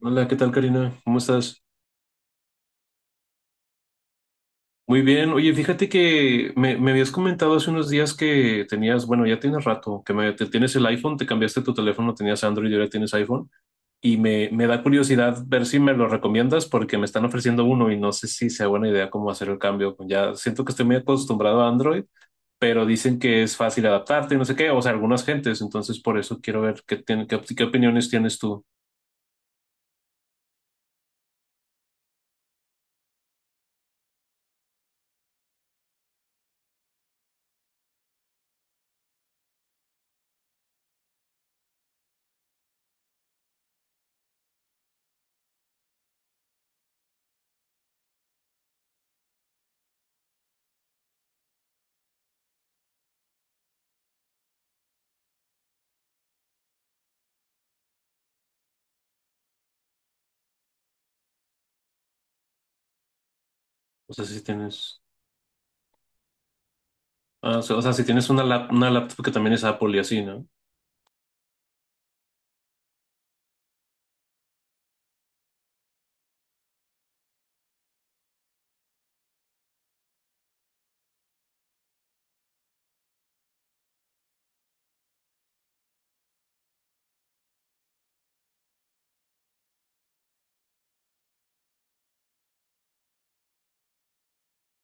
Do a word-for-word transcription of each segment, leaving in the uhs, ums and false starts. Hola, ¿qué tal, Karina? ¿Cómo estás? Muy bien. Oye, fíjate que me, me habías comentado hace unos días que tenías, bueno, ya tienes rato, que me- te- tienes el iPhone, te cambiaste tu teléfono, tenías Android y ahora tienes iPhone. Y me, me da curiosidad ver si me lo recomiendas porque me están ofreciendo uno y no sé si sea buena idea cómo hacer el cambio. Ya siento que estoy muy acostumbrado a Android, pero dicen que es fácil adaptarte y no sé qué, o sea, algunas gentes. Entonces, por eso quiero ver qué, tiene- qué, op- qué opiniones tienes tú. O sea, si tienes, ah, o sea, o sea, si tienes una, lap- una laptop que también es Apple y así, ¿no?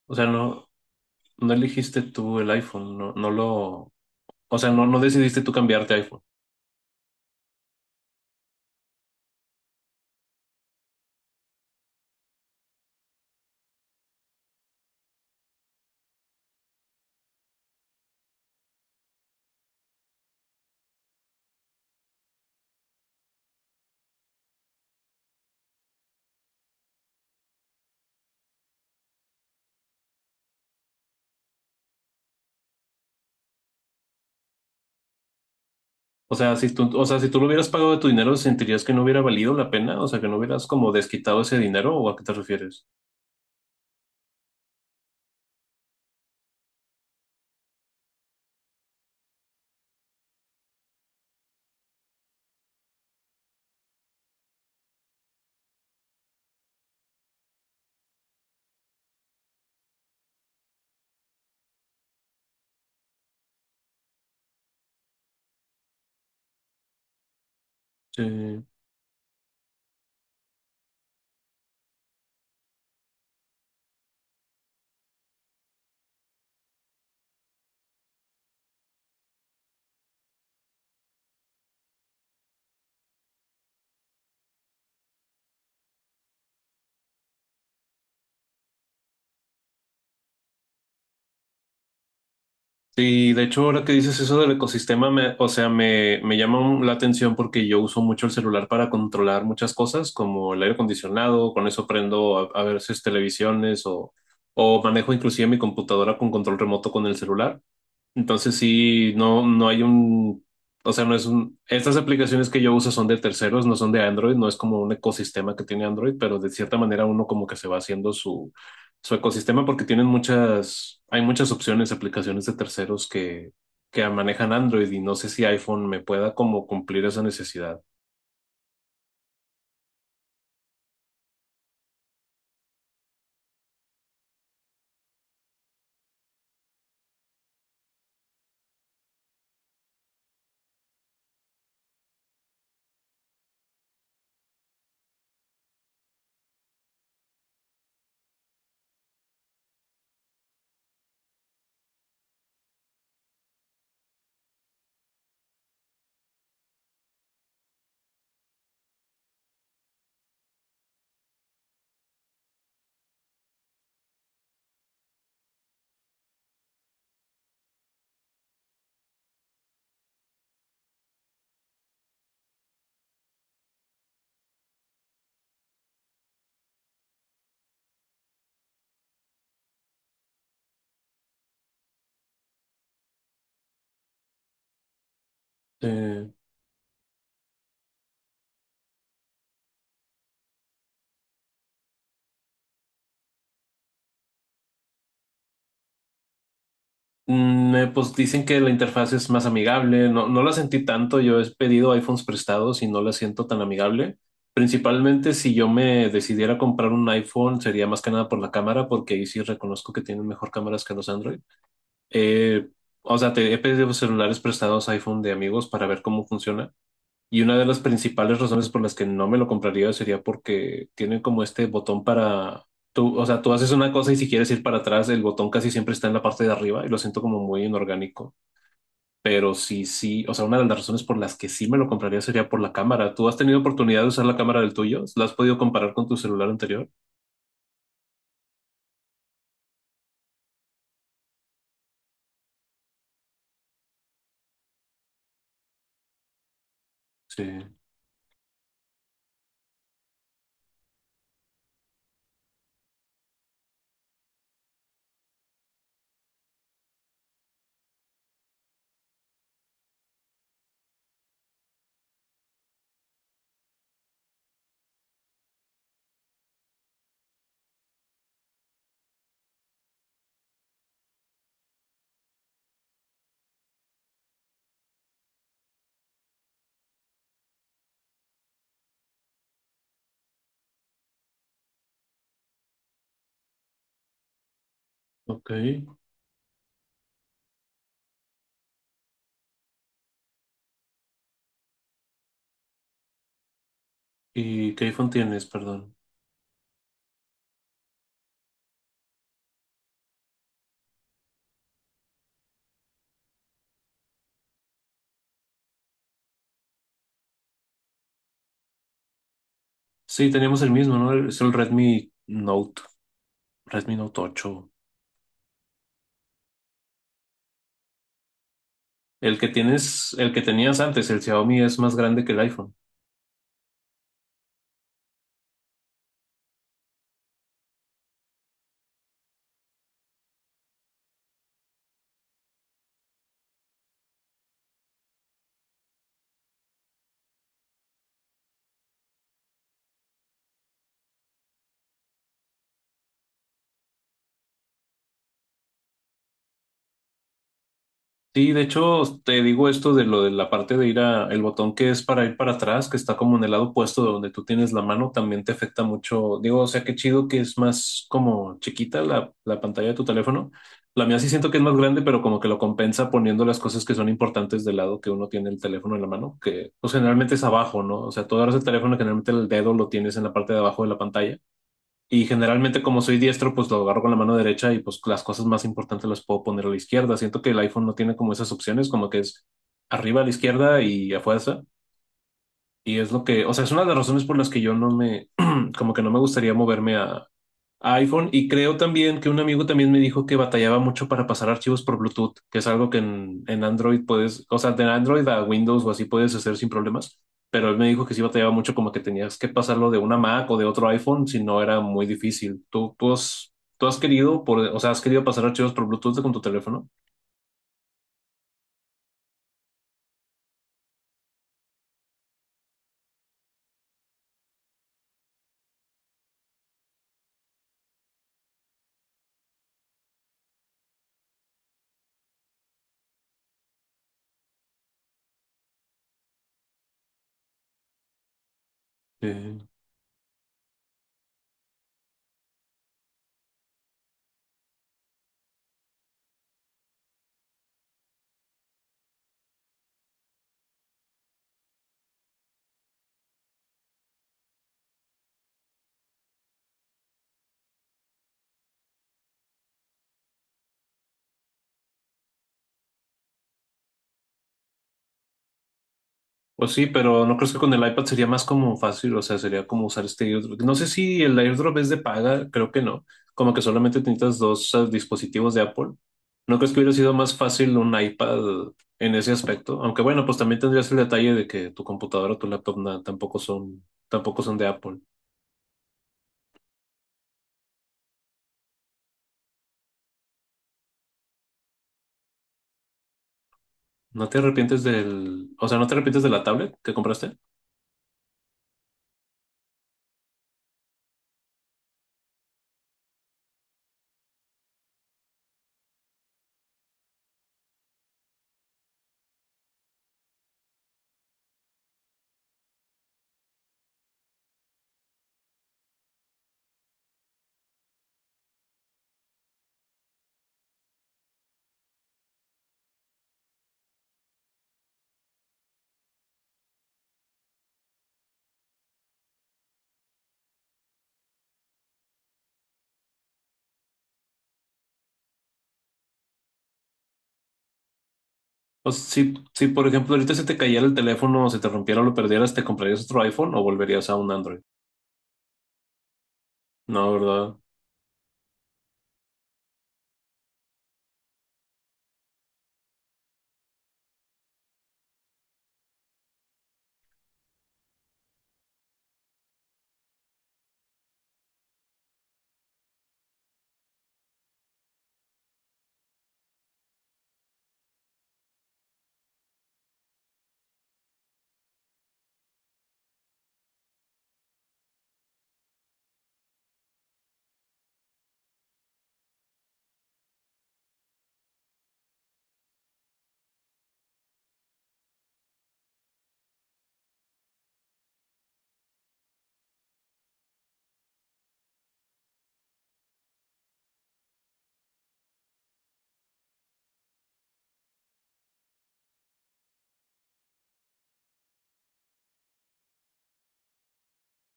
O sea, no, no elegiste tú el iPhone, no, no lo, o sea, no, no decidiste tú cambiarte a iPhone. O sea, si tú, o sea, si tú lo hubieras pagado de tu dinero, ¿sentirías que no hubiera valido la pena? O sea, que no hubieras como desquitado ese dinero, ¿o a qué te refieres? Sí. Sí, de hecho, ahora que dices eso del ecosistema, me, o sea, me, me llama un- la atención porque yo uso mucho el celular para controlar muchas cosas, como el aire acondicionado, con eso prendo a, a veces televisiones o, o manejo inclusive mi computadora con control remoto con el celular. Entonces sí, no, no hay un, o sea, no es un, estas aplicaciones que yo uso son de terceros, no son de Android, no es como un ecosistema que tiene Android, pero de cierta manera uno como que se va haciendo su, su ecosistema porque tienen muchas, hay muchas opciones, aplicaciones de terceros que, que manejan Android y no sé si iPhone me pueda como cumplir esa necesidad. Mm, eh, pues dicen que la interfaz es más amigable. No, no la sentí tanto. Yo he pedido iPhones prestados y no la siento tan amigable. Principalmente si yo me decidiera comprar un iPhone, sería más que nada por la cámara, porque ahí sí reconozco que tienen mejor cámaras que los Android. Eh, o sea, te he pedido celulares prestados iPhone de amigos para ver cómo funciona. Y una de las principales razones por las que no me lo compraría sería porque tiene como este botón para... Tú, o sea, tú haces una cosa y si quieres ir para atrás, el botón casi siempre está en la parte de arriba y lo siento como muy inorgánico. Pero sí, sí, o sea, una de las razones por las que sí me lo compraría sería por la cámara. ¿Tú has tenido oportunidad de usar la cámara del tuyo? ¿La has podido comparar con tu celular anterior? Sí, ok. ¿Y qué iPhone tienes? Perdón. Sí, teníamos el mismo, ¿no? Es el Redmi Note, Redmi Note ocho. El que tienes, el que tenías antes, el Xiaomi es más grande que el iPhone. Sí, de hecho, te digo esto de lo de la parte de ir a el botón que es para ir para atrás, que está como en el lado opuesto de donde tú tienes la mano, también te afecta mucho. Digo, o sea, qué chido que es más como chiquita la, la pantalla de tu teléfono. La mía sí siento que es más grande, pero como que lo compensa poniendo las cosas que son importantes del lado que uno tiene el teléfono en la mano, que pues generalmente es abajo, ¿no? O sea, tú agarras el teléfono, generalmente el dedo lo tienes en la parte de abajo de la pantalla. Y generalmente como soy diestro, pues lo agarro con la mano derecha y pues las cosas más importantes las puedo poner a la izquierda. Siento que el iPhone no tiene como esas opciones, como que es arriba a la izquierda y a fuerza. Y es lo que, o sea, es una de las razones por las que yo no me, como que no me gustaría moverme a, a iPhone. Y creo también que un amigo también me dijo que batallaba mucho para pasar archivos por Bluetooth, que es algo que en, en Android puedes, o sea, de Android a Windows o así puedes hacer sin problemas. Pero él me dijo que sí batallaba mucho como que tenías que pasarlo de una Mac o de otro iPhone, si no era muy difícil. ¿Tú, tú has, tú has querido, por, o sea, has querido pasar archivos por Bluetooth con tu teléfono? Sí. Pues sí, pero no creo que con el iPad sería más como fácil, o sea, sería como usar este airdrop. No sé si el airdrop es de paga, creo que no. Como que solamente necesitas dos eh, dispositivos de Apple. ¿No crees que hubiera sido más fácil un iPad en ese aspecto? Aunque bueno, pues también tendrías el detalle de que tu computadora o tu laptop na- tampoco son, tampoco son de Apple. ¿No te arrepientes del, o sea, no te arrepientes de la tablet que compraste? O sea, si, si por ejemplo ahorita se te cayera el teléfono o se te rompiera o lo perdieras, ¿te comprarías otro iPhone o volverías a un Android? No, ¿verdad?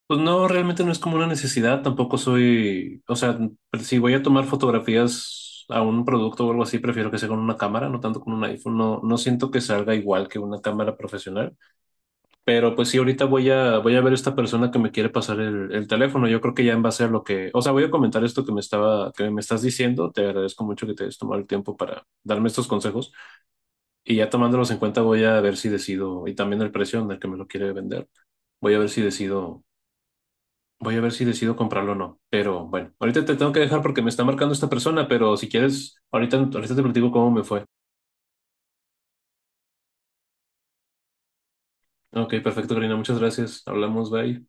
Pues no, realmente no es como una necesidad, tampoco soy, o sea, si voy a tomar fotografías a un producto o algo así, prefiero que sea con una cámara, no tanto con un iPhone, no, no siento que salga igual que una cámara profesional, pero pues sí, ahorita voy a, voy a ver a esta persona que me quiere pasar el, el teléfono, yo creo que ya en base a lo que, o sea, voy a comentar esto que me estaba, que me estás diciendo, te agradezco mucho que te hayas tomado el tiempo para darme estos consejos y ya tomándolos en cuenta voy a ver si decido, y también el precio en el que me lo quiere vender. Voy a ver si decido Voy a ver si decido comprarlo o no. Pero bueno, ahorita te tengo que dejar porque me está marcando esta persona, pero si quieres, ahorita, ahorita te platico cómo me fue. Ok, perfecto, Karina. Muchas gracias. Hablamos, bye.